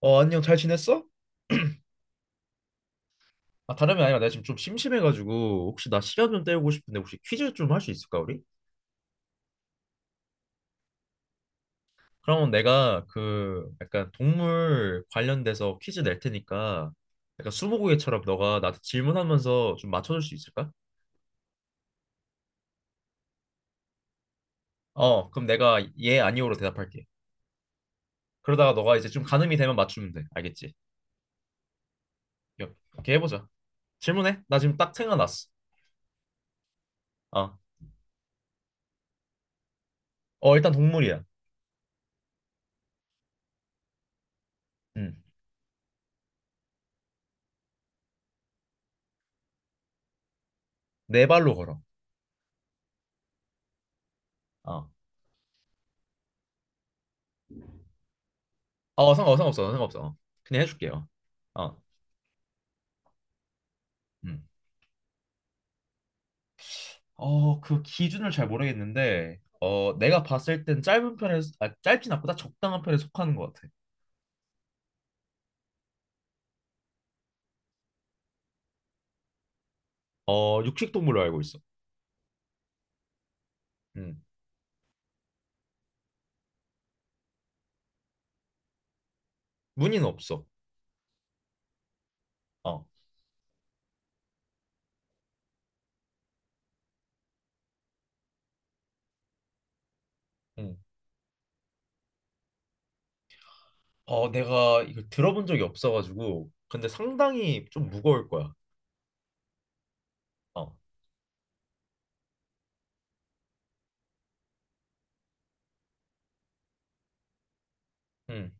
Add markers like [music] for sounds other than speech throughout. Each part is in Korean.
안녕, 잘 지냈어? 아, 다름이 아니라 내가 지금 좀 심심해가지고 혹시 나 시간 좀 때우고 싶은데 혹시 퀴즈 좀 할 수 있을까 우리? 그러면 내가 그 약간 동물 관련돼서 퀴즈 낼 테니까 약간 스무고개처럼 너가 나한테 질문하면서 좀 맞춰줄 수 있을까? 어, 그럼 내가 예 아니오로 대답할게. 그러다가 너가 이제 좀 가늠이 되면 맞추면 돼. 알겠지? 오케이, 해보자. 질문해. 나 지금 딱 생각났어. 어, 어, 일단 동물이야. 음. 네 발로 걸어. 어, 어, 상관없어. 어. 그냥 해줄게요. 어. 음. 어, 그 기준을 잘 모르겠는데, 어, 내가 봤을 땐 짧은 편에, 아, 짧진 않고다 적당한 편에 속하는 것 같아. 어, 육식동물로 알고 있어. 음. 무늬는 없어. 어, 음. 어, 내가 이걸 들어본 적이 없어가지고, 근데 상당히 좀 무거울 거야. 어, 음.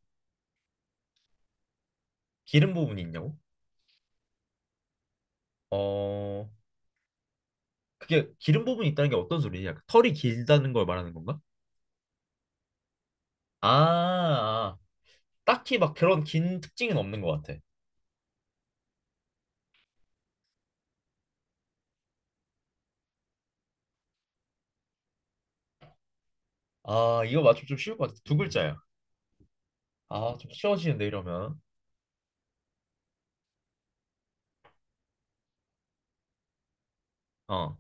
기름 부분이 있냐고? 어, 그게 기름 부분이 있다는 게 어떤 소리냐? 털이 길다는 걸 말하는 건가? 아, 아. 딱히 막 그런 긴 특징은 없는 것 같아. 아, 이거 맞추면 좀 쉬울 것 같아. 두 글자야. 아, 좀 쉬워지는데 이러면. 어.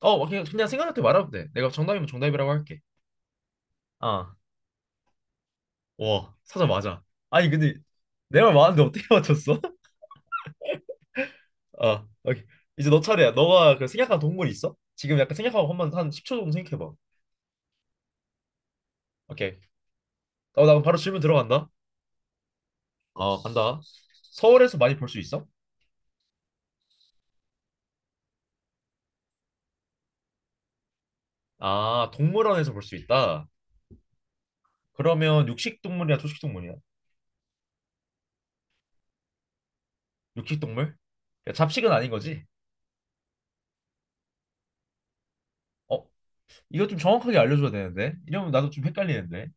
어, 그냥, 생각날 때 말하면 돼. 내가 정답이면 정답이라고 할게. 아, 와, 사자 맞아. 아니, 근데 내 말 맞았는데 어떻게 맞췄어? [laughs] 아, 오케이. 이제 너 차례야. 너가 그 생각한 동물 있어? 지금 약간 생각하고 한번 한 10초 정도 생각해봐. 오케이. 어, 나 그럼 바로 질문 들어간다. 어, 간다. 서울에서 많이 볼 수 있어? 아, 동물원에서 볼 수 있다. 그러면 육식 동물이야, 초식 동물이야? 육식 동물? 그러니까 잡식은 아닌 거지? 어, 이거 좀 정확하게 알려줘야 되는데. 이러면 나도 좀 헷갈리는데.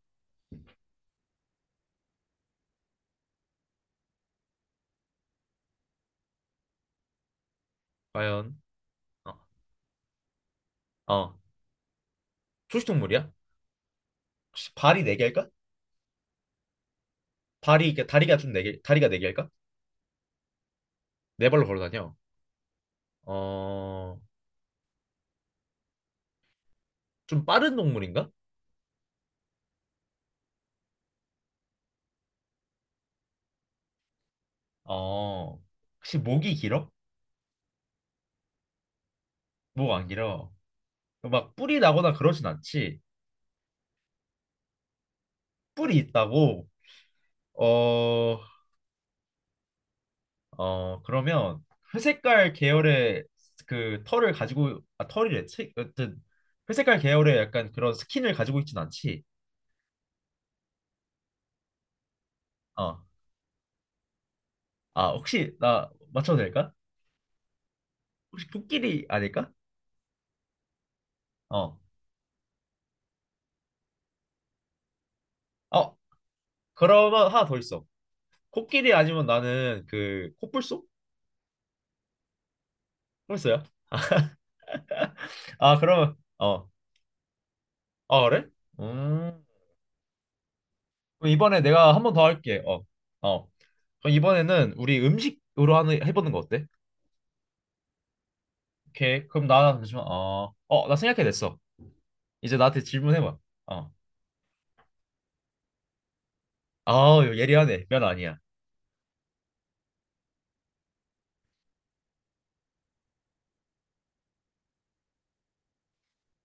과연? 어, 어. 초식 동물이야? 혹시 발이 네 개일까? 발이, 그러니까 다리가 좀 네 개, 다리가 네 개일까? 네 발로 걸어 다녀. 어, 좀 빠른 동물인가? 어, 혹시 목이 길어? 목 안 길어. 막 뿔이 나거나 그러진 않지. 뿔이 있다고. 어, 어 그러면 회색깔 계열의 그 털을 가지고 아 털이래. 체- 어쨌든 회색깔 계열의 약간 그런 스킨을 가지고 있진 않지. 어, 아 혹시 나 맞춰도 될까? 혹시 코끼리 아닐까? 어. 어, 그러면 하나 더 있어. 코끼리 아니면 나는 그 코뿔소? 뿔소야? 아, 그러면 어. 아, 그래? 음. 그럼 이번에 내가 한 번 더 할게. 어. 어. 그럼 이번에는 우리 음식으로 하는 해보는 거 어때? 오케이. 그럼 나 잠시만. 어. 어, 나 생각해냈어. 이제 나한테 질문해봐. 어. 아, 예리하네. 면 아니야.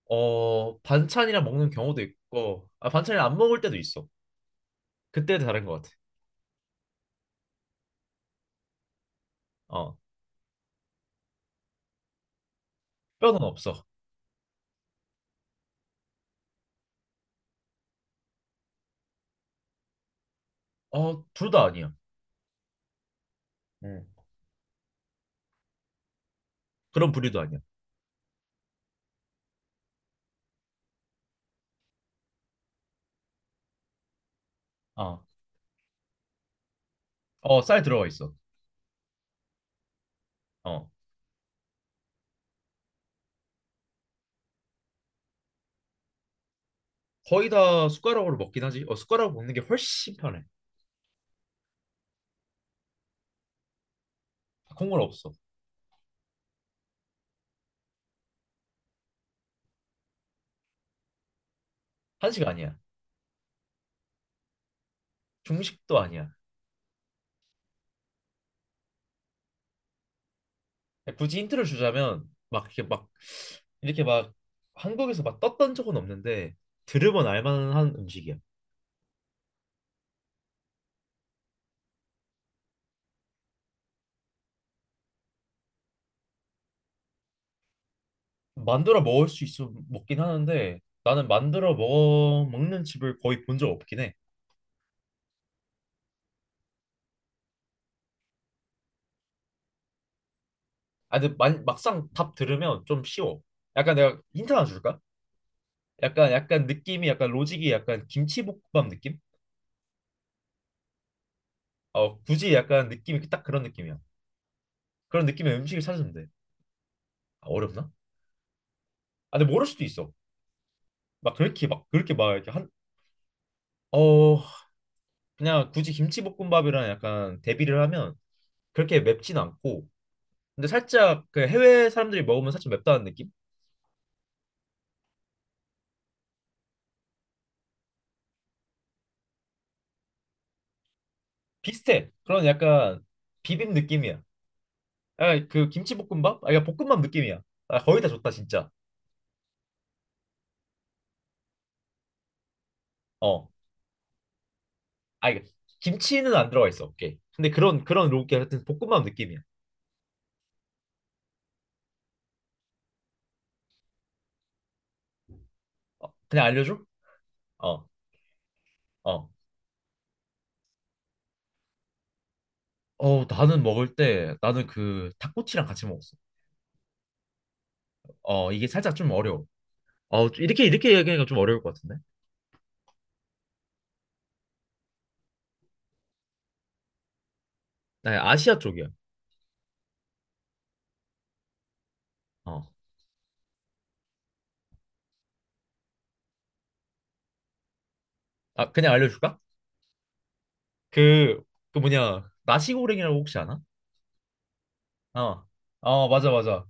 어, 반찬이랑 먹는 경우도 있고, 아, 반찬이랑 안 먹을 때도 있어. 그때 다른 것 같아. 어. 뼈는 없어. 어, 둘 다 아니야. 음. 그런 부류도 아니야. 어. 어, 쌀 들어가 있어. 어. 거의 다 숟가락으로 먹긴 하지. 어, 숟가락으로 먹는 게 훨씬 편해. 콩물 없어. 한식 아니야. 중식도 아니야. 굳이 힌트를 주자면 막 이렇게 막 이렇게 막 한국에서 막 떴던 적은 없는데 들으면 알만한 음식이야. 만들어 먹을 수 있어 먹긴 하는데 나는 만들어 먹어 먹는 집을 거의 본 적 없긴 해. 아, 근데 막상 답 들으면 좀 쉬워. 약간 내가 힌트 하나 줄까? 약간 느낌이 약간 로직이 약간 김치볶음밥 느낌? 어, 굳이 약간 느낌이 딱 그런 느낌이야. 그런 느낌의 음식을 찾으면 돼. 아, 어렵나? 아, 근데 모를 수도 있어. 막 그렇게 막 그렇게 막 이렇게 한, 어, 그냥 굳이 김치볶음밥이랑 약간 대비를 하면 그렇게 맵진 않고, 근데 살짝 그 해외 사람들이 먹으면 살짝 맵다는 느낌? 비슷해. 그런 약간 비빔 느낌이야. 아 그 김치볶음밥? 아, 그러니까 볶음밥 느낌이야. 아, 거의 다 좋다 진짜. 어, 아, 이게 김치는 안 들어가 있어. 오케이. 근데 그런 그런 로게 하여튼 볶음밥 느낌이야. 어, 그냥 알려줘? 어, 어. 어, 나는 먹을 때 나는 그 닭꼬치랑 같이 먹었어. 어, 이게 살짝 좀 어려워. 어, 좀 이렇게 얘기하니까 좀 어려울 것 같은데. 나 아시아 쪽이야. 어. 아, 그냥 알려줄까? 그, 그 뭐냐, 나시고랭이라고 혹시 아나? 어, 어, 맞아.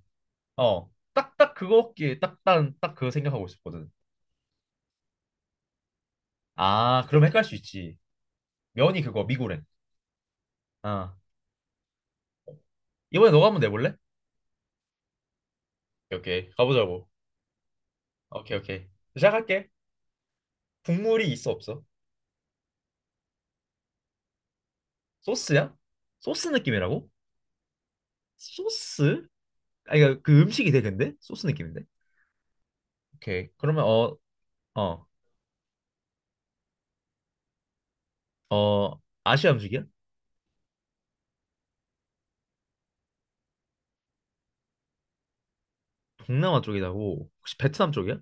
어, 딱, 그거 먹기에 딱, 그거 생각하고 있었거든. 아, 그럼 헷갈릴 수 있지. 면이 그거, 미고랭. 아, 이번에 너가 한번 내볼래? 오케이. 가보자고. 오케이. 시작할게. 국물이 있어, 없어? 소스야? 소스 느낌이라고? 소스? 아니 그러니까 그 음식이 돼 근데 소스 느낌인데? 오케이, 그러면, 어, 아시아 음식이야? 동남아 쪽이라고 혹시 베트남 쪽이야?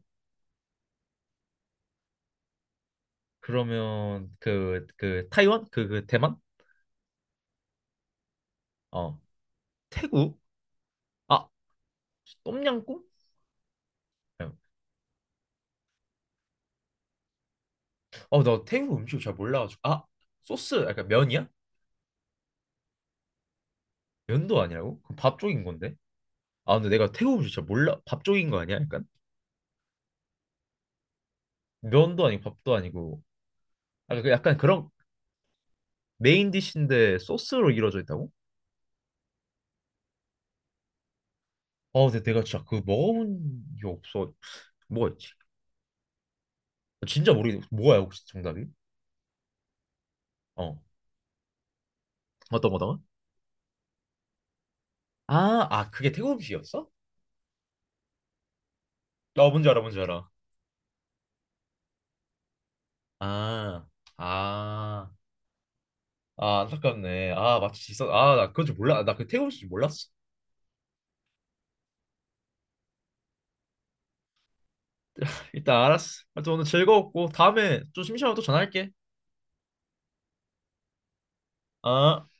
그러면 그 타이완 그 대만? 어, 태국? 아, 똠양꿍? 어, 나 태국 음식 잘 몰라가지고. 아, 소스, 약간 면이야? 면도 아니라고? 그럼 밥 쪽인 건데? 아, 근데 내가 태국 음식 잘 몰라. 밥 쪽인 거 아니야? 약간. 면도 아니고 밥도 아니고. 아, 그 약간 그런 메인 디쉬인데 소스로 이루어져 있다고? 아, 근데 내가 진짜 그거 먹어본 게 없어. 뭐가 있지? 진짜 모르겠네. 뭐야, 혹시 정답이? 어. 어떤 거다? 아, 아, 그게 태국 음식이었어? 나 뭔지 알아, 뭔지 알아. 아, 아, 아, 안타깝네. 아, 맞치 있어. 아, 나 그건 줄 몰라. 나 그 태국 음식 몰랐어. 일단 알았어. 하여튼 오늘 즐거웠고, 다음에 좀 심심하면 또 전화할게. 아.